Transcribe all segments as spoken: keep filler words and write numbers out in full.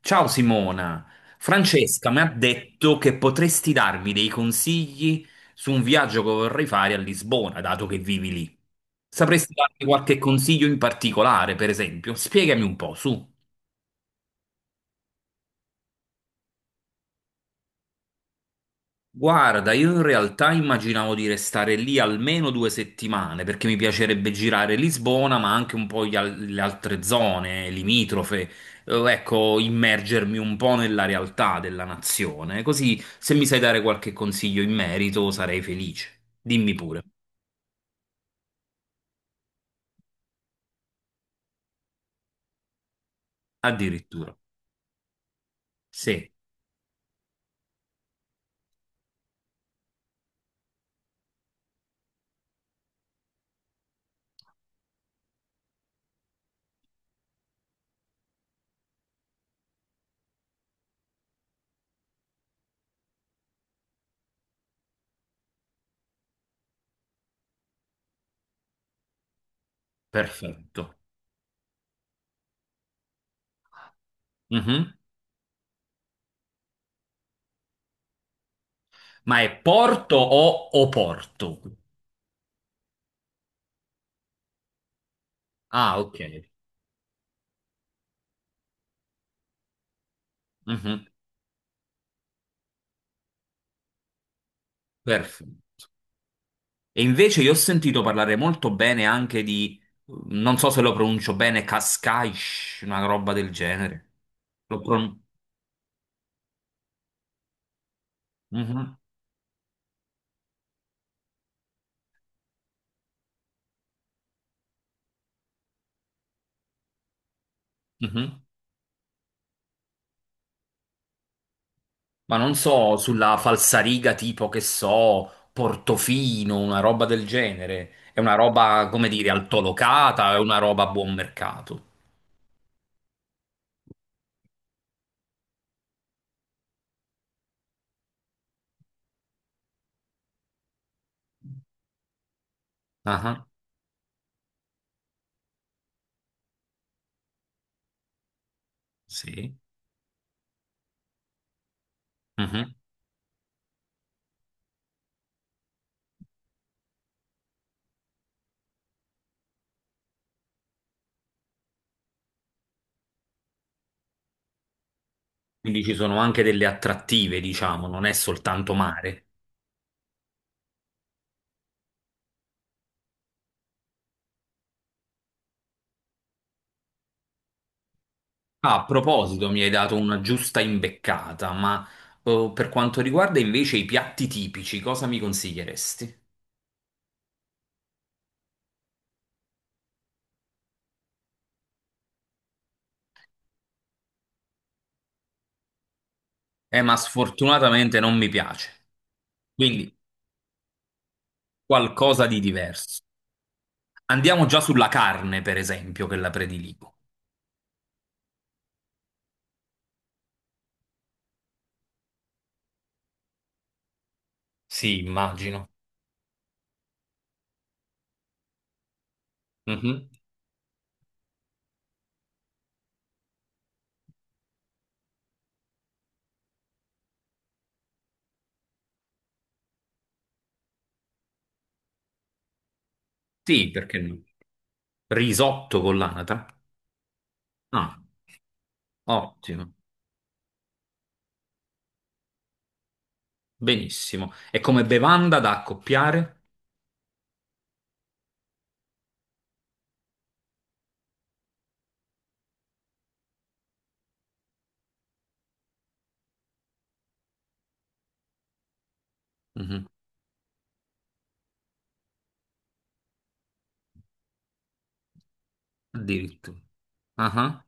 Ciao Simona, Francesca mi ha detto che potresti darmi dei consigli su un viaggio che vorrei fare a Lisbona, dato che vivi lì. Sapresti darmi qualche consiglio in particolare, per esempio? Spiegami un po', su. Guarda, io in realtà immaginavo di restare lì almeno due settimane perché mi piacerebbe girare Lisbona, ma anche un po' gli al- le altre zone limitrofe. Eh, ecco, immergermi un po' nella realtà della nazione. Così, se mi sai dare qualche consiglio in merito, sarei felice. Dimmi pure. Addirittura. Sì, perfetto. Mhm. Ma è Porto o Oporto? Ah, ok. Mhm. Perfetto. E invece io ho sentito parlare molto bene anche di, non so se lo pronuncio bene, Cascais, una roba del genere. Lo pron- Mhm, mhm. Ma non so, sulla falsariga tipo che so, Portofino, una roba del genere. È una roba, come dire, altolocata, è una roba a buon mercato. Ah, sì. Mhm. Quindi ci sono anche delle attrattive, diciamo, non è soltanto mare. Ah, a proposito, mi hai dato una giusta imbeccata, ma eh, per quanto riguarda invece i piatti tipici, cosa mi consiglieresti? Eh, ma sfortunatamente non mi piace, quindi qualcosa di diverso. Andiamo già sulla carne, per esempio, che la prediligo. Sì, immagino. Mhm. Sì, perché no? Risotto con l'anatra? Ah, ottimo, benissimo. E come bevanda da accoppiare? Mhm. Addirittura. Ah,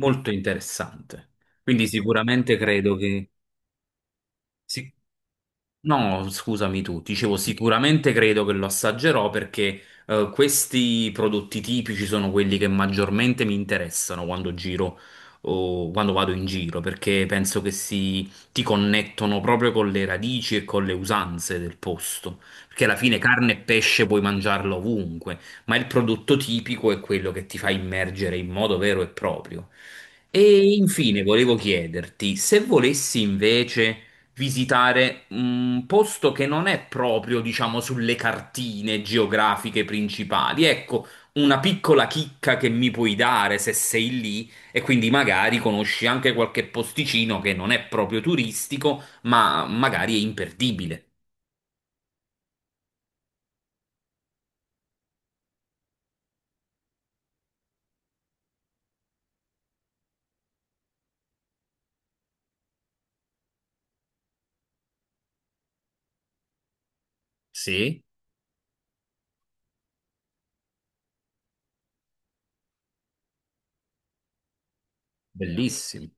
molto interessante. Quindi sicuramente credo che... sì. No, scusami tu, dicevo sicuramente credo che lo assaggerò perché eh, questi prodotti tipici sono quelli che maggiormente mi interessano quando giro o quando vado in giro, perché penso che si ti connettono proprio con le radici e con le usanze del posto, perché alla fine carne e pesce puoi mangiarlo ovunque, ma il prodotto tipico è quello che ti fa immergere in modo vero e proprio. E infine volevo chiederti se volessi invece visitare un posto che non è proprio, diciamo, sulle cartine geografiche principali. Ecco, una piccola chicca che mi puoi dare se sei lì e quindi magari conosci anche qualche posticino che non è proprio turistico, ma magari è imperdibile. Sì, bellissimo.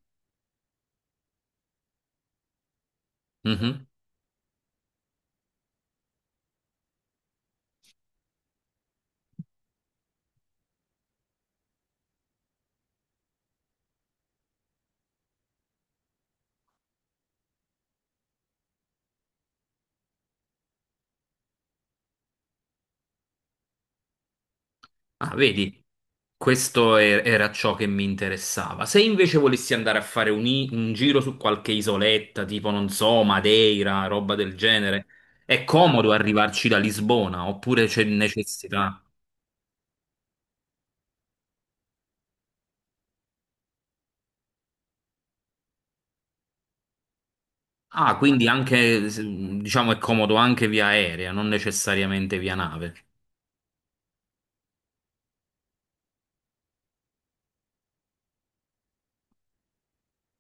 Ah, vedi, questo e- era ciò che mi interessava. Se invece volessi andare a fare un, i- un giro su qualche isoletta, tipo, non so, Madeira, roba del genere, è comodo arrivarci da Lisbona oppure c'è necessità? Ah, quindi anche, s- diciamo, è comodo anche via aerea, non necessariamente via nave.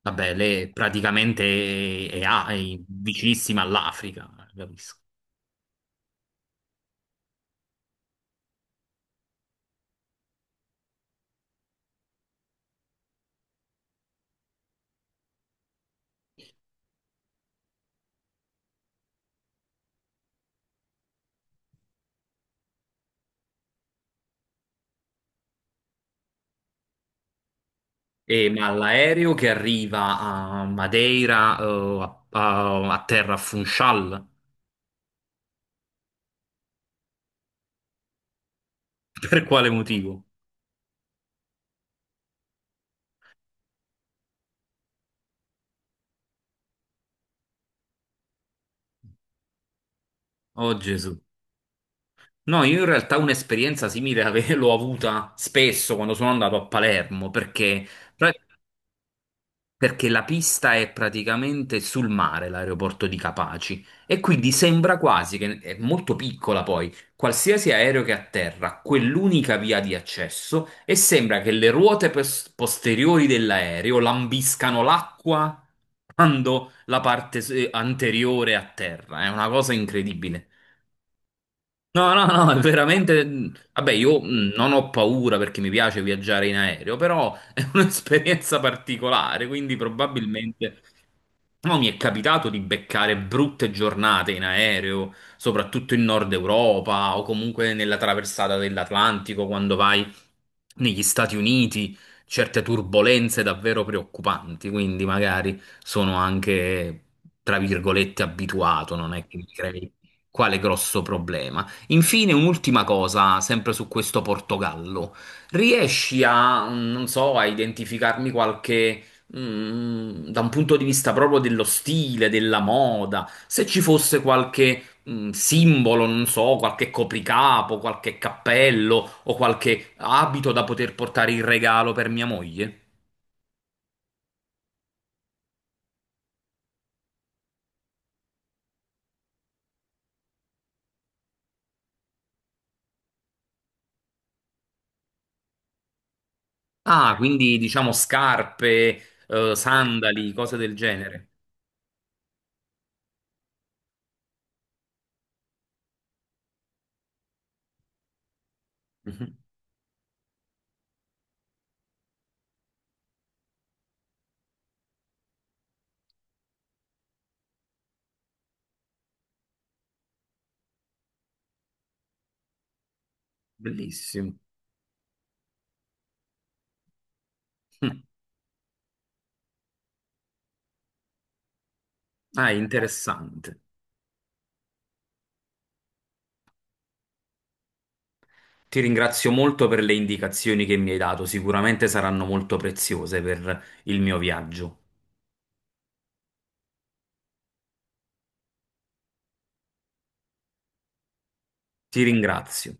Vabbè, lei praticamente è, è, a- è vicinissima all'Africa, capisco. E, ma l'aereo che arriva a Madeira, eh, a, a- a terra a Funchal, per quale motivo? Oh Gesù. No, io in realtà un'esperienza simile ave- l'ho avuta spesso quando sono andato a Palermo, perché pra- perché la pista è praticamente sul mare, l'aeroporto di Capaci, e quindi sembra quasi che è molto piccola poi, qualsiasi aereo che atterra, ha quell'unica via di accesso e sembra che le ruote pos- posteriori dell'aereo lambiscano l'acqua quando la parte s- eh, anteriore atterra. È una cosa incredibile. No, no, no, è veramente. Vabbè, io mh, non ho paura perché mi piace viaggiare in aereo, però è un'esperienza particolare, quindi probabilmente no, mi è capitato di beccare brutte giornate in aereo, soprattutto in Nord Europa o comunque nella traversata dell'Atlantico quando vai negli Stati Uniti, certe turbolenze davvero preoccupanti, quindi magari sono anche, tra virgolette, abituato, non è che mi crei quale grosso problema. Infine, un'ultima cosa, sempre su questo Portogallo. Riesci a, non so, a identificarmi qualche mm, da un punto di vista proprio dello stile, della moda, se ci fosse qualche mm, simbolo, non so, qualche copricapo, qualche cappello o qualche abito da poter portare in regalo per mia moglie. Ah, quindi diciamo scarpe, eh, sandali, cose del genere. Mhm. Bellissimo. Mm. Ah, è interessante. Ti ringrazio molto per le indicazioni che mi hai dato, sicuramente saranno molto preziose per il mio viaggio. Ti ringrazio.